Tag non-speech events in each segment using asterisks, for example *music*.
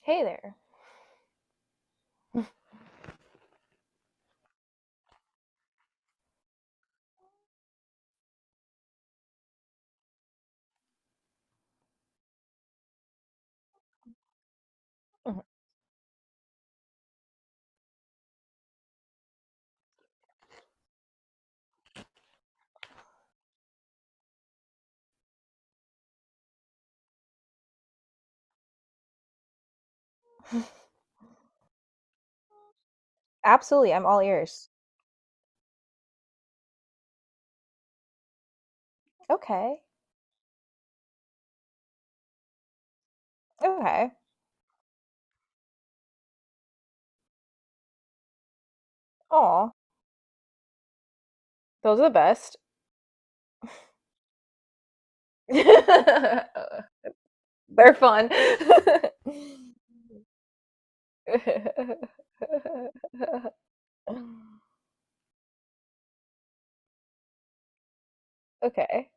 Hey there. Mhm. *laughs* Absolutely, I'm all ears. Okay. Okay. Aw. Those are the best. *laughs* They're fun. *laughs* Okay.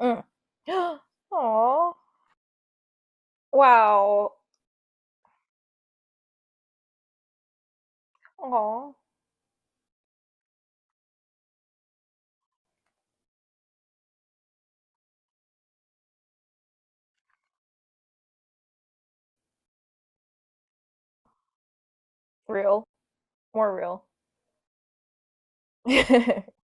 Mm. *gasps* Aw. Wow. Aw. Real. More real. *laughs*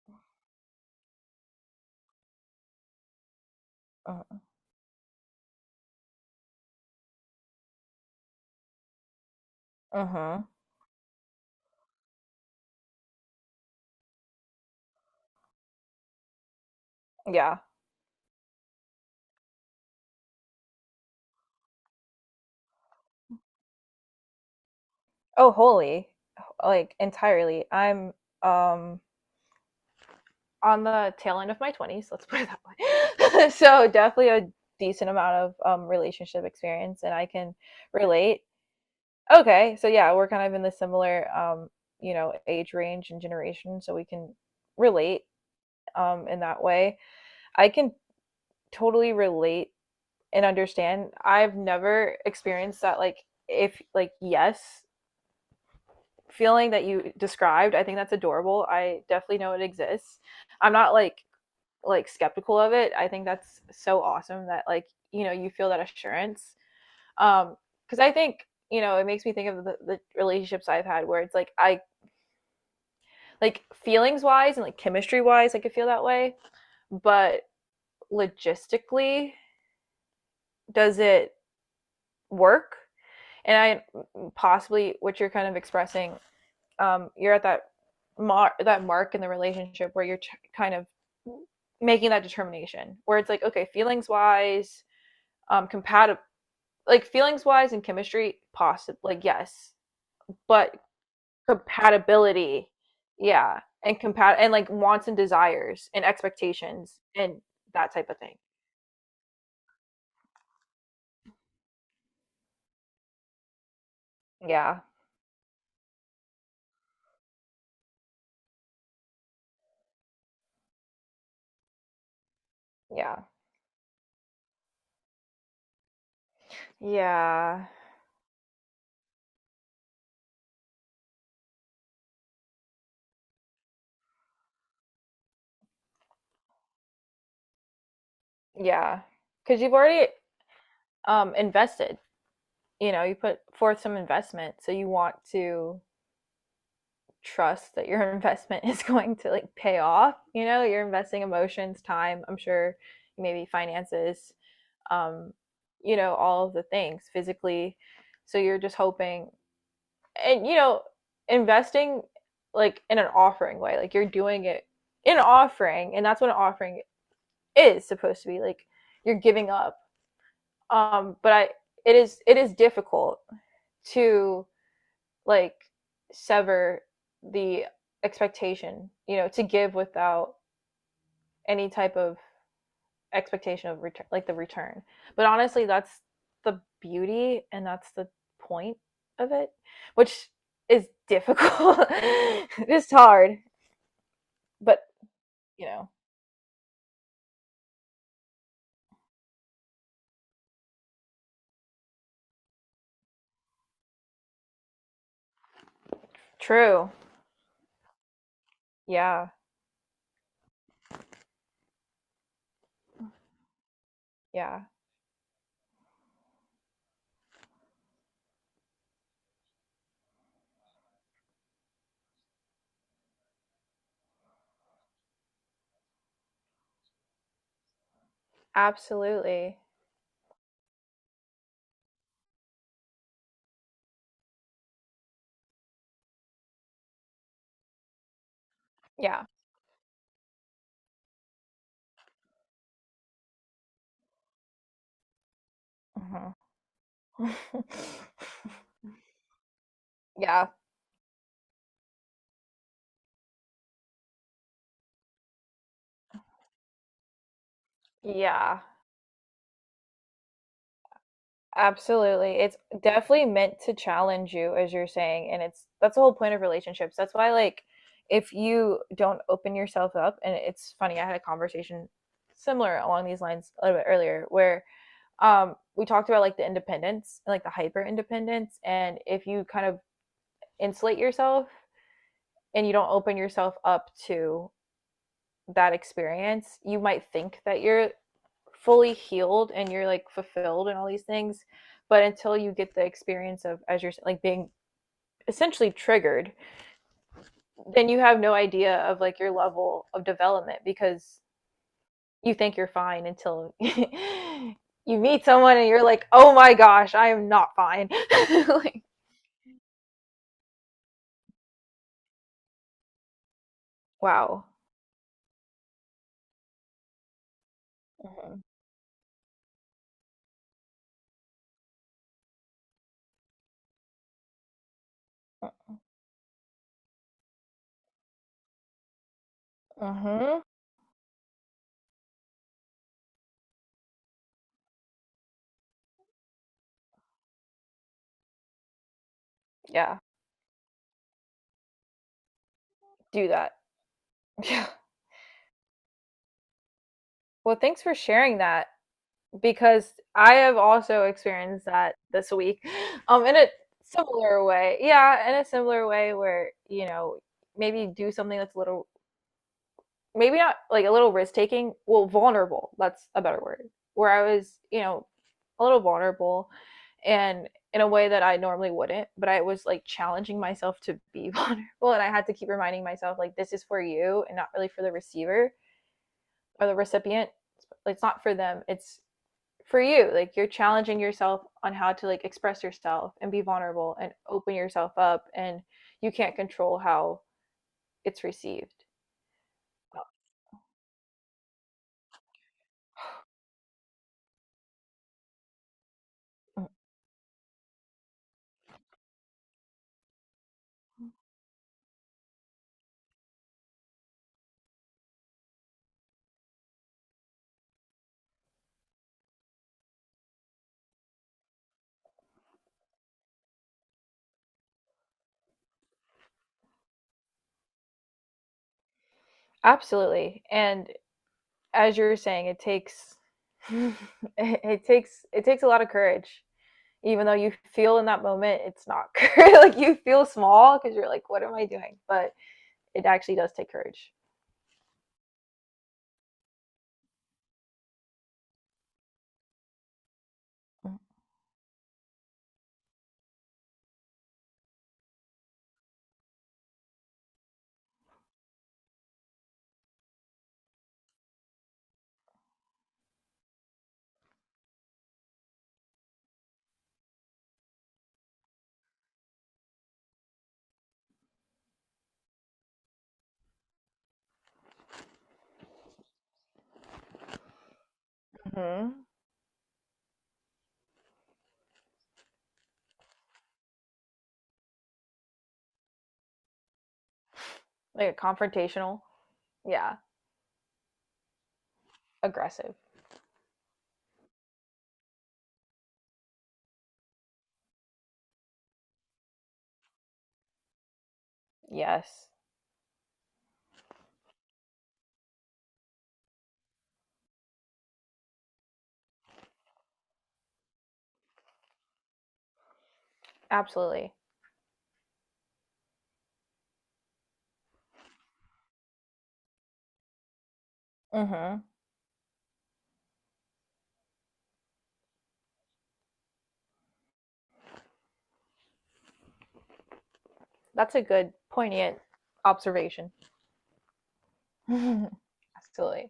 Mm-hmm. Yeah. Oh, holy. Like entirely. I'm um on the tail end of my 20s, let's put it that way. *laughs* So, definitely a decent amount of relationship experience, and I can relate. Okay, so yeah, we're kind of in the similar, you know, age range and generation, so we can relate in that way. I can totally relate and understand. I've never experienced that, like, if, like, yes feeling that you described. I think that's adorable. I definitely know it exists. I'm not like skeptical of it. I think that's so awesome that, like, you know, you feel that assurance, um because I think, you know, it makes me think of the relationships I've had where it's like I, like, feelings wise and like chemistry wise I could feel that way, but logistically, does it work? And I possibly what you're kind of expressing, you're at that that mark in the relationship where you're kind of making that determination where it's like, okay, feelings wise compatible, like feelings wise and chemistry, possibly, like, yes, but compatibility, yeah, and compat and like wants and desires and expectations and that type of thing. Yeah. Yeah. Yeah, yeah, because you've already invested. You know, you put forth some investment, so you want to trust that your *laughs* investment is going to like pay off. You know, you're investing emotions, time. I'm sure maybe finances, um, you know, all of the things physically. So you're just hoping, and, you know, investing, like, in an offering way, like you're doing it in an offering, and that's what an offering is supposed to be. Like, you're giving up. Um, but I, it is difficult to like sever the expectation, you know, to give without any type of expectation of return, like the return. But honestly, that's the beauty and that's the point of it, which is difficult. *laughs* It's hard. But you know. True. Yeah. Yeah. Absolutely. Yeah. Mhm. *laughs* Yeah. Yeah. Absolutely. It's definitely meant to challenge you, as you're saying, and it's that's the whole point of relationships. That's why, like, if you don't open yourself up. And it's funny, I had a conversation similar along these lines a little bit earlier where we talked about, like, the independence and like the hyper independence, and if you kind of insulate yourself and you don't open yourself up to that experience, you might think that you're fully healed and you're like fulfilled and all these things, but until you get the experience of as you're, like, being essentially triggered, then you have no idea of like your level of development, because you think you're fine until *laughs* you meet someone and you're like, oh my gosh, I am not fine. *laughs* Like. Wow. Mm-hmm. Mm-hmm. Yeah. Do that. *laughs* Yeah. Well, thanks for sharing that, because I have also experienced that this week, *gasps* in a similar way. Yeah, in a similar way where, you know, maybe do something that's a little, maybe not like a little risk taking. Well, vulnerable. That's a better word. Where I was, you know, a little vulnerable, and in a way that I normally wouldn't. But I was like challenging myself to be *laughs* vulnerable, and I had to keep reminding myself, like, this is for you and not really for the receiver or the recipient. It's not for them. It's for you, like you're challenging yourself on how to, like, express yourself and be vulnerable and open yourself up, and you can't control how it's received. Absolutely. And as you were saying, it takes *laughs* it, it takes a lot of courage, even though you feel in that moment it's not, *laughs* like you feel small because you're like, what am I doing? But it actually does take courage. Mm-hmm. Like confrontational. Yeah. Aggressive. Yes. Absolutely. Mm-hmm. That's a good, poignant observation. *laughs* Absolutely.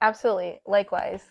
Absolutely. Likewise.